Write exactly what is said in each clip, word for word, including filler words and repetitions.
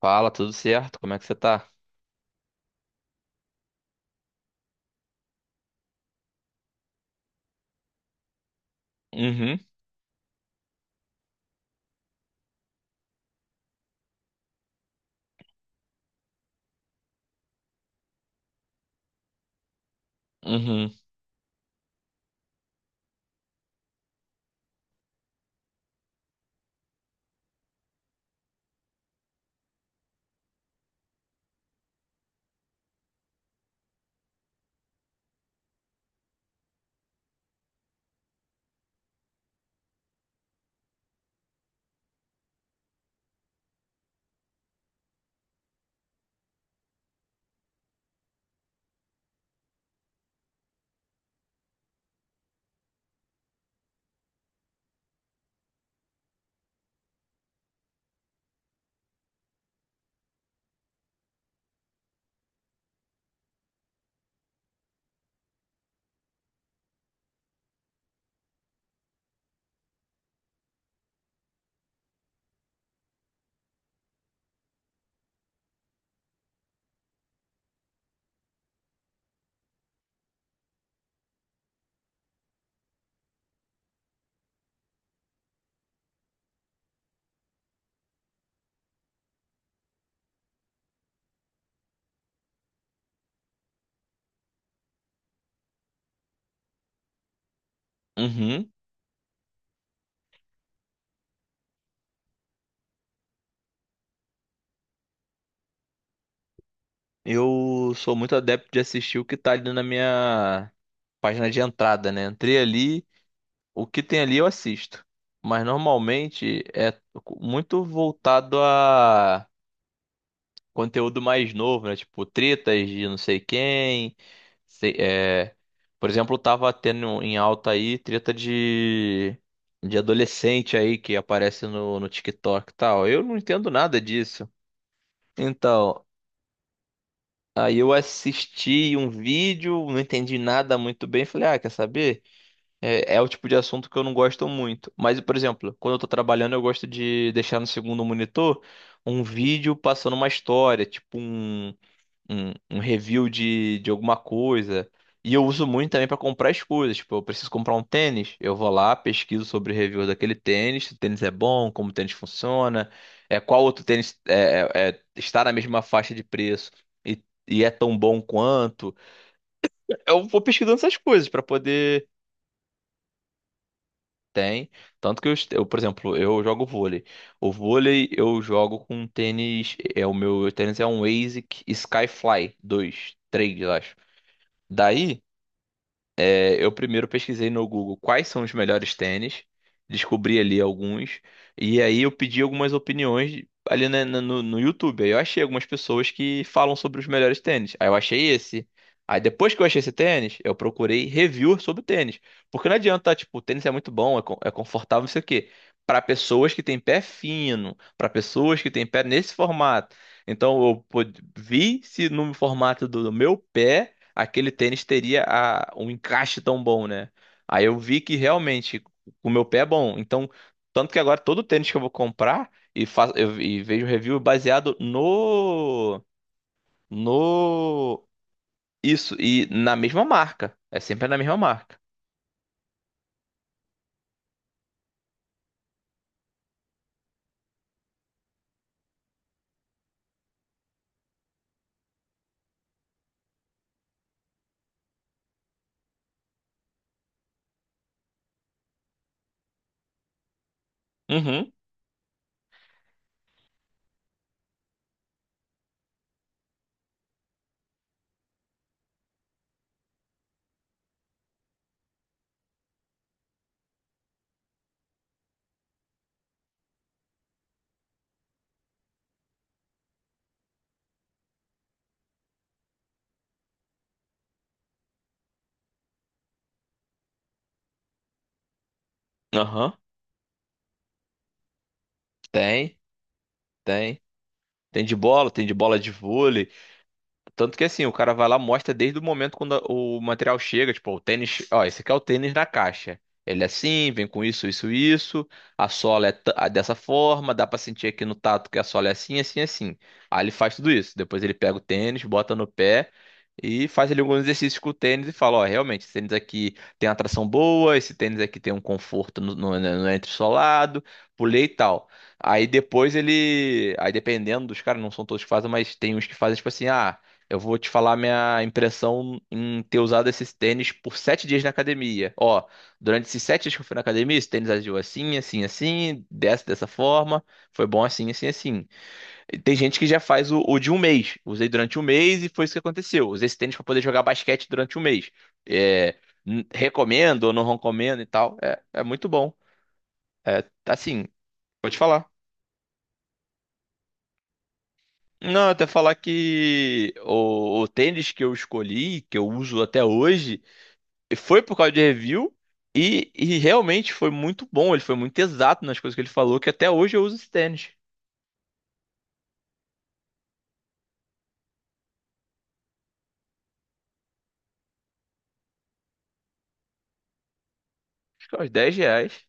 Fala, tudo certo? Como é que você tá? Uhum, uhum, uhum. Eu sou muito adepto de assistir o que tá ali na minha página de entrada, né? Entrei ali, o que tem ali eu assisto. Mas normalmente é muito voltado a conteúdo mais novo, né? Tipo, tretas de não sei quem. sei- é, Por exemplo, tava tendo em alta aí treta de. De adolescente aí que aparece no, no TikTok e tal. Eu não entendo nada disso. Então, aí eu assisti um vídeo, não entendi nada muito bem. Falei, ah, quer saber? É, é o tipo de assunto que eu não gosto muito. Mas, por exemplo, quando eu tô trabalhando, eu gosto de deixar no segundo monitor um vídeo passando uma história, tipo um um, um review de, de alguma coisa. E eu uso muito também para comprar as coisas. Tipo, eu preciso comprar um tênis, eu vou lá, pesquiso sobre o review daquele tênis, se o tênis é bom, como o tênis funciona, é, qual outro tênis é, é- é- está na mesma faixa de preço e, e é tão bom quanto. Eu vou pesquisando essas coisas para poder. Tem. Tanto que eu, est- eu, por exemplo, eu jogo vôlei. O vôlei eu jogo com um tênis. É, o meu tênis é um Asics Skyfly dois três, eu acho. Daí. É, eu primeiro pesquisei no Google quais são os melhores tênis, descobri ali alguns, e aí eu pedi algumas opiniões ali na- na- no, no YouTube. Aí eu achei algumas pessoas que falam sobre os melhores tênis. Aí eu achei esse. Aí depois que eu achei esse tênis, eu procurei review sobre o tênis. Porque não adianta, tá, tipo, o tênis é muito bom, é, con- é confortável, não sei o quê. Para pessoas que têm pé fino, para pessoas que têm pé nesse formato. Então eu pod- vi se no formato do do meu pé aquele tênis teria a- um encaixe tão bom, né? Aí eu vi que realmente o meu pé é bom. Então, tanto que agora todo tênis que eu vou comprar e, fa- eu- e vejo review baseado no no isso e na mesma marca. É sempre na mesma marca. Uhum. Aham. Tem, tem. Tem de bola, tem de bola de vôlei. Tanto que assim, o cara vai lá, mostra desde o momento quando a- o material chega, tipo, o tênis, ó, esse aqui é o tênis na caixa. Ele é assim, vem com isso, isso, isso. A sola é ta- ah, dessa forma, dá pra sentir aqui no tato que a sola é assim, assim, assim. Aí ele faz tudo isso. Depois ele pega o tênis, bota no pé e faz ali alguns exercícios com o tênis e fala, ó, realmente, esse tênis aqui tem uma tração boa, esse tênis aqui tem um conforto no, no, né, no entressolado, pulei e tal. Aí depois ele. Aí dependendo dos caras, não são todos que fazem, mas tem uns que fazem tipo assim, ah. Eu vou te falar minha impressão em ter usado esses tênis por sete dias na academia. Ó, durante esses sete dias que eu fui na academia, esse tênis agiu assim, assim, assim, dessa, dessa forma. Foi bom assim, assim, assim. E tem gente que já faz o, o de um mês. Usei durante um mês e foi isso que aconteceu. Usei esse tênis para poder jogar basquete durante um mês. É, n- recomendo ou não recomendo e tal. É, é muito bom. É, assim, vou te falar. Não, até falar que o, o tênis que eu escolhi, que eu uso até hoje. Foi por causa de review e, e realmente foi muito bom. Ele foi muito exato nas coisas que ele falou, que até hoje eu uso esse tênis. Acho que é uns dez reais.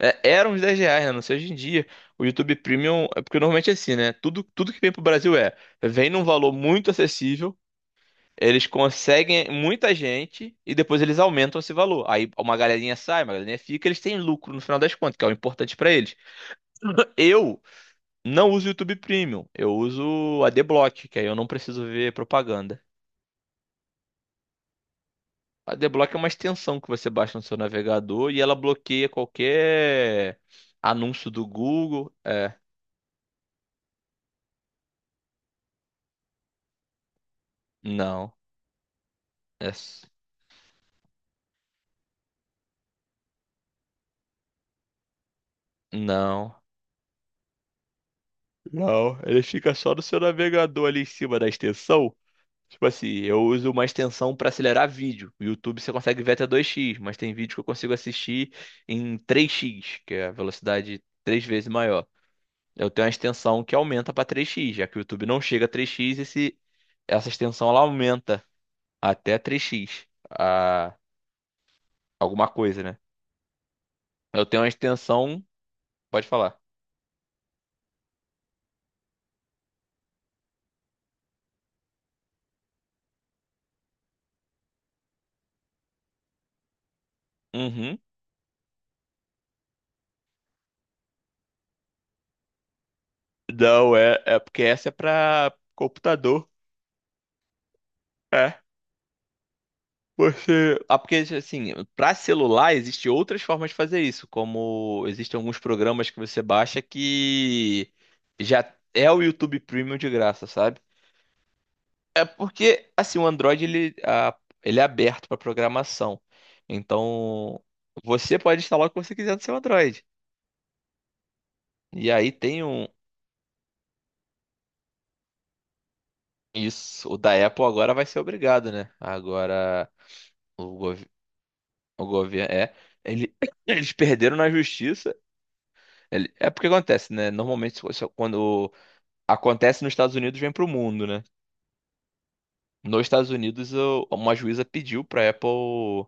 É, eram uns dez reais, né? Não sei hoje em dia. O YouTube Premium, é porque normalmente é assim, né? Tudo, tudo que vem pro Brasil é, vem num valor muito acessível, eles conseguem muita gente e depois eles aumentam esse valor. Aí uma galerinha sai, uma galerinha fica, eles têm lucro no final das contas, que é o importante pra eles. Eu não uso o YouTube Premium, eu uso a adblock, que aí eu não preciso ver propaganda. A D-Block é uma extensão que você baixa no seu navegador e ela bloqueia qualquer anúncio do Google. É, não, é, s- não, não. Ele fica só no seu navegador ali em cima da extensão. Tipo assim, eu uso uma extensão para acelerar vídeo. O YouTube você consegue ver até dois x, mas tem vídeo que eu consigo assistir em três x, que é a velocidade três vezes maior. Eu tenho uma extensão que aumenta para três x, já que o YouTube não chega a três x. esse, essa extensão ela aumenta até três x, a alguma coisa, né? Eu tenho uma extensão, pode falar. Uhum. Não, é, é porque essa é pra computador. É. Você. Ah, porque assim, pra celular existem outras formas de fazer isso, como existem alguns programas que você baixa que já é o YouTube Premium de graça, sabe? É porque assim, o Android ele, ah, ele é aberto pra programação. Então, você pode instalar o que você quiser no seu Android. E aí tem um. Isso, o da Apple agora vai ser obrigado, né? Agora o, gov- o governo é. ele- eles perderam na justiça. Ele- é porque acontece, né? Normalmente, isso- isso- quando acontece nos Estados Unidos, vem pro mundo, né? Nos Estados Unidos, o- uma juíza pediu pra Apple.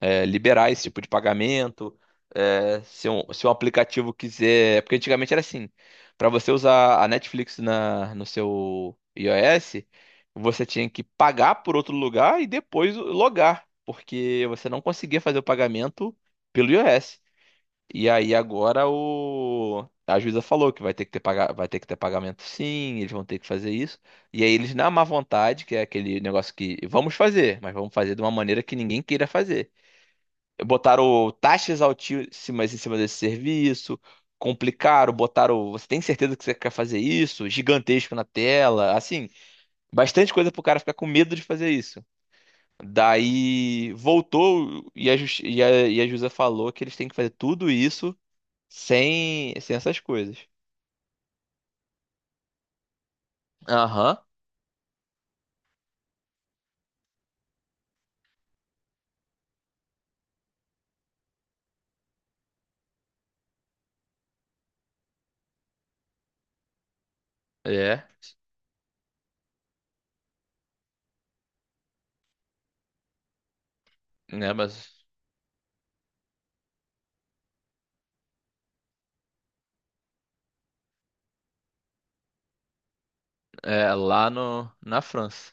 É, liberar esse tipo de pagamento. É, se um, se um aplicativo quiser. Porque antigamente era assim: para você usar a Netflix na, no seu iOS, você tinha que pagar por outro lugar e depois logar, porque você não conseguia fazer o pagamento pelo iOS. E aí agora o a juíza falou que vai ter que ter paga... vai ter que ter pagamento, sim, eles vão ter que fazer isso. E aí eles, na má vontade, que é aquele negócio que vamos fazer, mas vamos fazer de uma maneira que ninguém queira fazer, botaram taxas altíssimas em cima desse serviço, complicaram, botaram, você tem certeza que você quer fazer isso? Gigantesco na tela, assim, bastante coisa pro cara ficar com medo de fazer isso. Daí voltou e a, justi- e a, e a Jusa falou que eles têm que fazer tudo isso sem, sem essas coisas. Aham, é, né, mas é lá no, na França.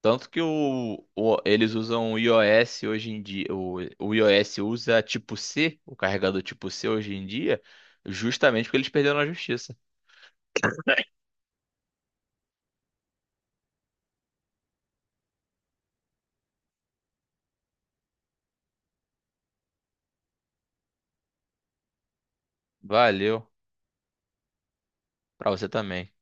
Tanto que o, o- eles usam o iOS hoje em dia, o, o iOS usa tipo C, o carregador tipo C hoje em dia, justamente porque eles perderam na justiça. Valeu, pra você também.